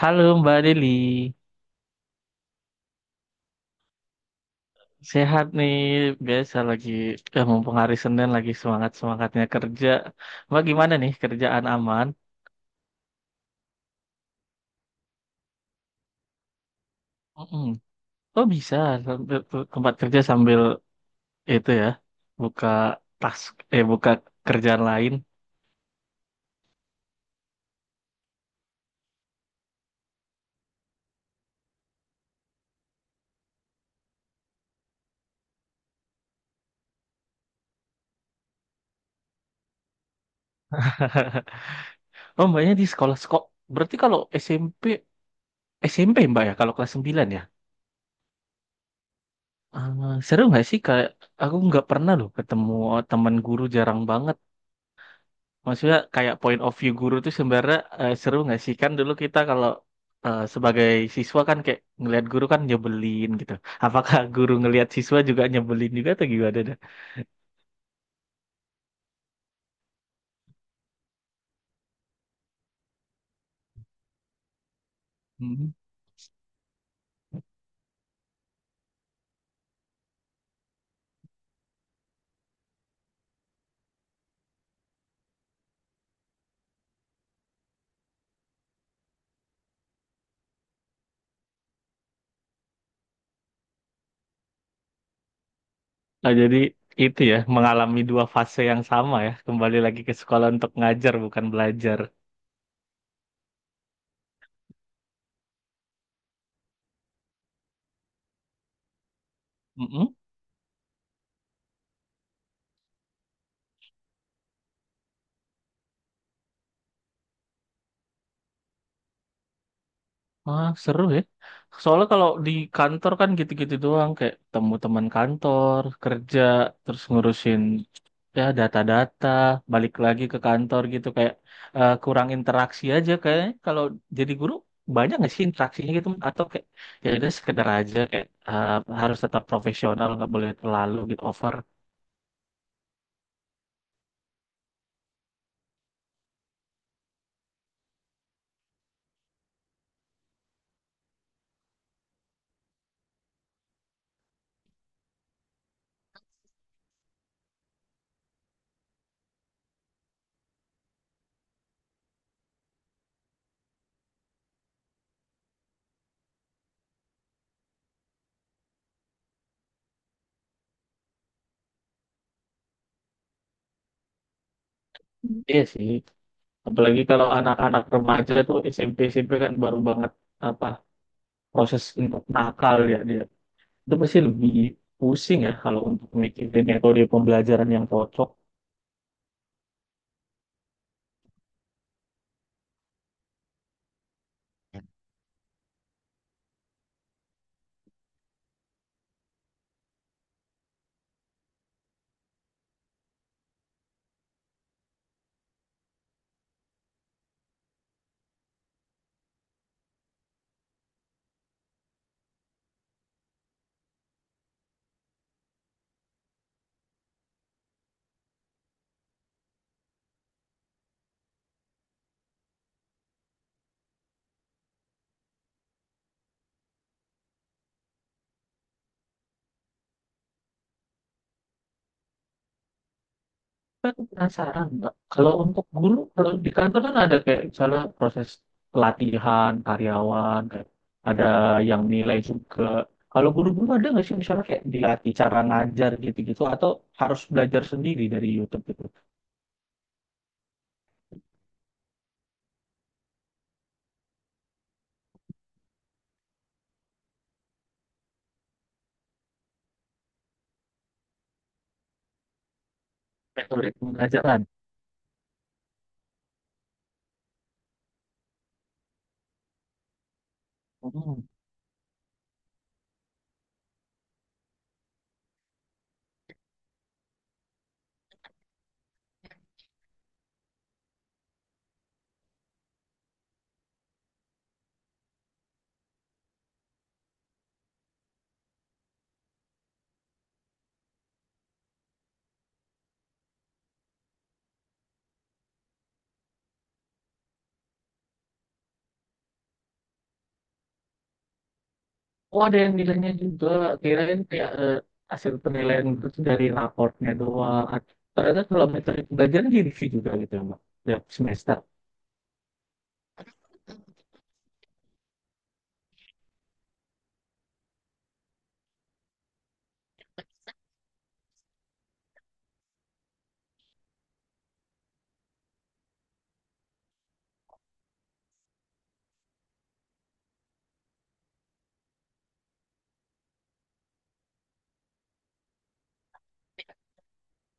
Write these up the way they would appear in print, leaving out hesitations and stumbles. Halo Mbak Deli, sehat nih. Biasa lagi, ya mumpung hari Senin lagi semangat-semangatnya kerja. Mbak gimana nih kerjaan aman? Mm-mm. Oh bisa, sambil ke tempat kerja sambil itu ya, buka tas, eh buka kerjaan lain. Oh Mbaknya di sekolah sekolah, berarti kalau SMP, SMP Mbak ya, kalau kelas 9 ya? Ah, seru nggak sih? Kayak aku nggak pernah loh ketemu teman guru, jarang banget. Maksudnya kayak point of view guru tuh sebenarnya seru nggak sih? Kan dulu kita kalau sebagai siswa kan kayak ngelihat guru kan nyebelin gitu. Apakah guru ngelihat siswa juga nyebelin juga atau gimana dah? Hmm. Nah, jadi itu ya mengalami dua fase yang sama ya. Kembali lagi ke sekolah untuk ngajar bukan belajar. Ah, seru ya. Soalnya kalau di kantor kan gitu-gitu doang, kayak temu teman kantor, kerja, terus ngurusin ya data-data, balik lagi ke kantor gitu kayak kurang interaksi aja kayaknya. Kalau jadi guru banyak nggak sih interaksinya gitu atau kayak ya udah sekedar aja kayak harus tetap profesional, nggak boleh terlalu gitu over. Iya sih. Apalagi kalau anak-anak remaja tuh SMP SMP kan baru banget apa proses untuk nakal ya dia. Itu pasti lebih pusing ya kalau untuk mikirin metode pembelajaran yang cocok. Tapi aku penasaran, Mbak. Kalau untuk guru, kalau di kantor kan ada kayak misalnya proses pelatihan karyawan, kayak ada yang nilai juga. Kalau guru-guru ada nggak sih misalnya kayak dilatih cara ngajar gitu-gitu atau harus belajar sendiri dari YouTube gitu? Metode pembelajaran. Oh, ada yang nilainya juga. Kirain kayak hasil penilaian itu tuh dari raportnya doang. Ternyata kalau metode pembelajaran direview juga gitu ya, Mbak. Tiap semester.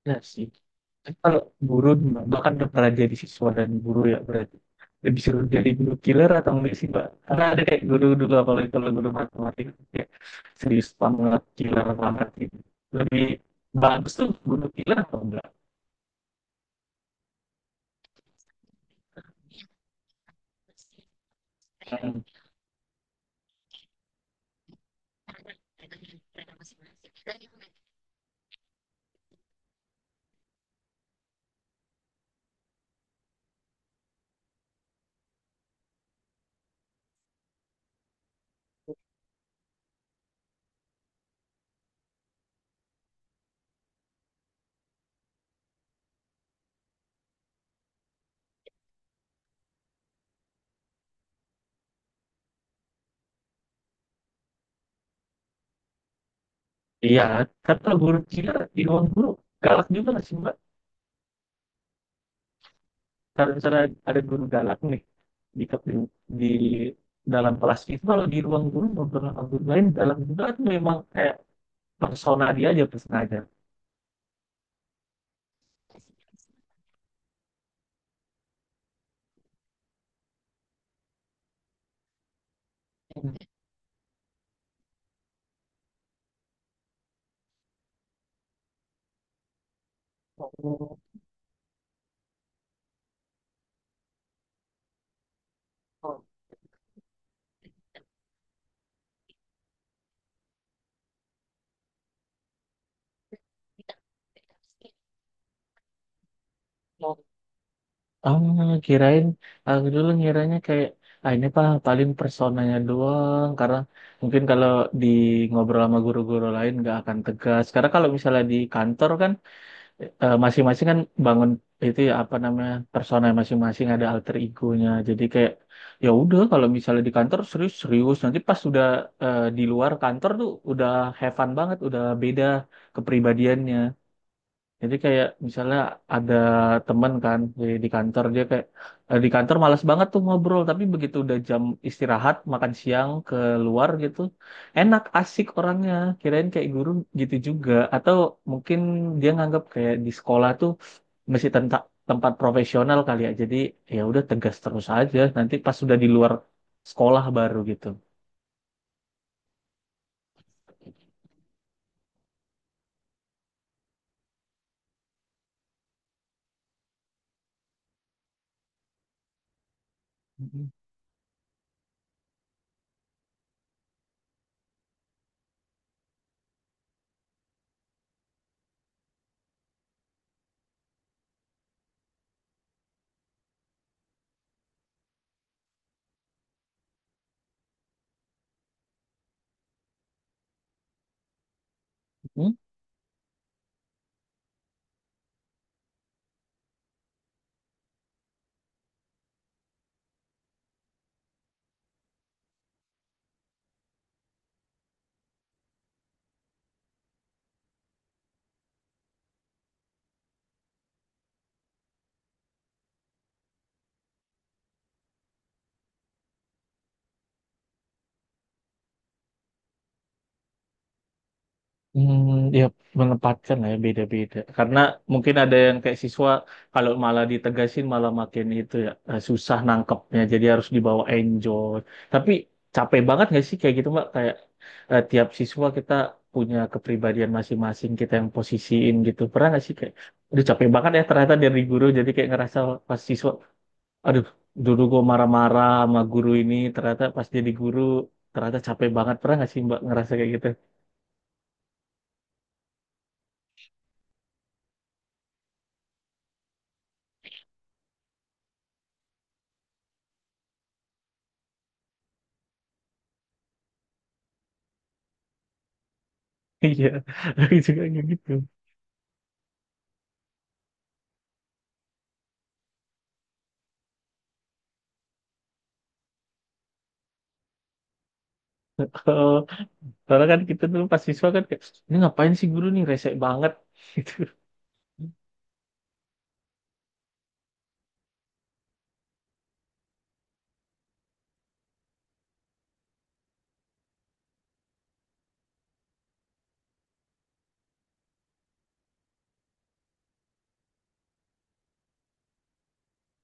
Ya sih. Tapi kalau guru gimana? Bahkan udah pernah jadi siswa dan guru ya berarti. Lebih seru jadi guru killer atau enggak sih, Mbak? Karena ada kayak guru dulu, apalagi kalau guru matematika. Kayak serius banget, killer banget gitu. Lebih bagus tuh guru killer atau enggak? Hmm. Iya, kata guru killer di ruang guru galak juga nggak sih, Mbak? Kalau misalnya ada guru galak nih di di dalam kelas itu kalau di ruang guru beberapa guru lain dalam juga itu memang kayak persona dia aja sengaja. Oh, kirain aku dulu ngiranya kayak ah ini pak paling personanya doang karena mungkin kalau di ngobrol sama guru-guru lain nggak akan tegas karena kalau misalnya di kantor kan masing-masing kan bangun itu ya apa namanya persona masing-masing ada alter egonya jadi kayak ya udah kalau misalnya di kantor serius serius nanti pas udah di luar kantor tuh udah have fun banget udah beda kepribadiannya jadi kayak misalnya ada teman kan di kantor dia kayak di kantor malas banget tuh ngobrol tapi begitu udah jam istirahat makan siang keluar gitu enak asik orangnya kirain kayak guru gitu juga atau mungkin dia nganggap kayak di sekolah tuh masih tempat profesional kali ya jadi ya udah tegas terus aja nanti pas sudah di luar sekolah baru gitu. Mhm. Hmm, ya menempatkan lah ya beda-beda. Karena mungkin ada yang kayak siswa kalau malah ditegasin malah makin itu ya susah nangkepnya. Jadi harus dibawa enjoy. Tapi capek banget nggak sih kayak gitu Mbak? Kayak tiap siswa kita punya kepribadian masing-masing kita yang posisiin gitu. Pernah nggak sih kayak, aduh capek banget ya ternyata dari guru jadi kayak ngerasa pas siswa, aduh dulu gue marah-marah sama guru ini ternyata pas jadi guru ternyata capek banget. Pernah nggak sih Mbak ngerasa kayak gitu? Iya, tapi juga kayak gitu. Kalau soalnya kan kita dulu pas siswa kan kayak, ini ngapain sih guru nih rese banget gitu.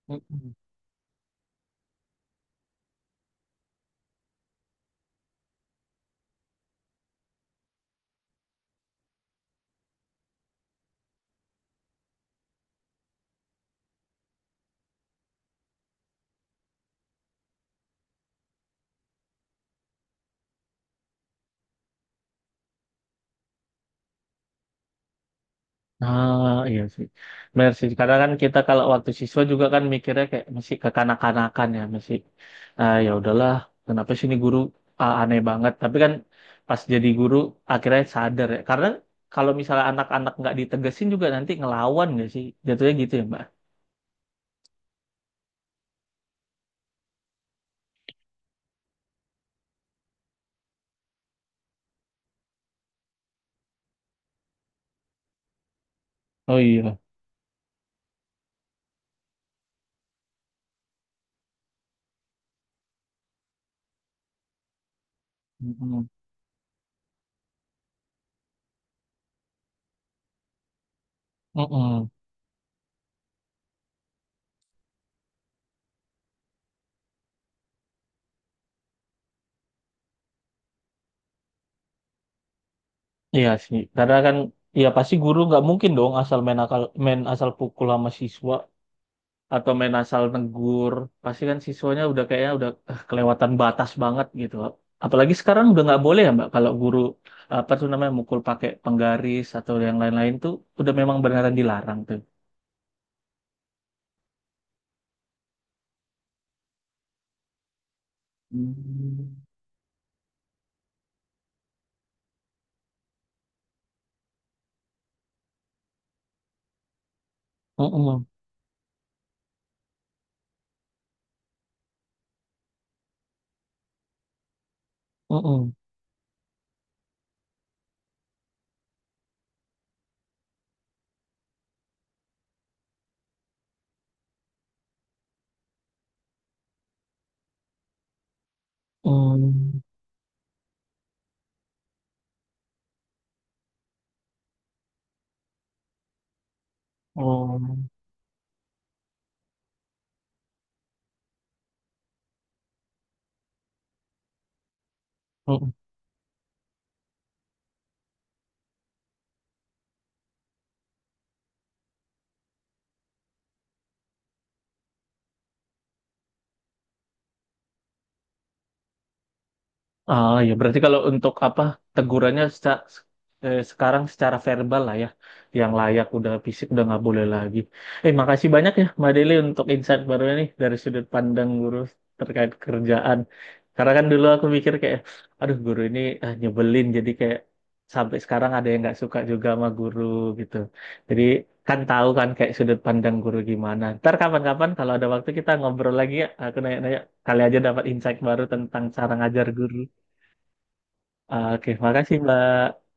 Mm-mm. Nah, iya sih. Benar sih. Karena kan kita kalau waktu siswa juga kan mikirnya kayak masih kekanak-kanakan ya, masih ah, ya udahlah, kenapa sih ini guru ah, aneh banget. Tapi kan pas jadi guru akhirnya sadar ya. Karena kalau misalnya anak-anak nggak ditegesin juga nanti ngelawan nggak sih? Jatuhnya gitu ya, Mbak. Oh iya. Mm-mm. Mm-mm. Iya sih, karena kan ya pasti guru nggak mungkin dong asal main akal main asal pukul sama siswa atau main asal negur. Pasti kan siswanya udah kayaknya udah kelewatan batas banget gitu. Apalagi sekarang udah nggak boleh ya Mbak kalau guru apa tuh namanya mukul pakai penggaris atau yang lain-lain tuh udah memang beneran dilarang tuh. Hmm. Mm-mm. Mm-mm. Mm. Oh. Ah ya berarti kalau untuk apa tegurannya sekarang secara verbal lah ya, yang layak udah fisik udah nggak boleh lagi. Makasih banyak ya Mbak Deli untuk insight barunya nih dari sudut pandang guru terkait kerjaan. Karena kan dulu aku mikir kayak, aduh guru ini ah, nyebelin jadi kayak sampai sekarang ada yang nggak suka juga sama guru gitu. Jadi kan tahu kan kayak sudut pandang guru gimana. Ntar kapan-kapan kalau ada waktu kita ngobrol lagi ya, aku nanya-nanya kali aja dapat insight baru tentang cara ngajar guru. Oke, makasih Mbak.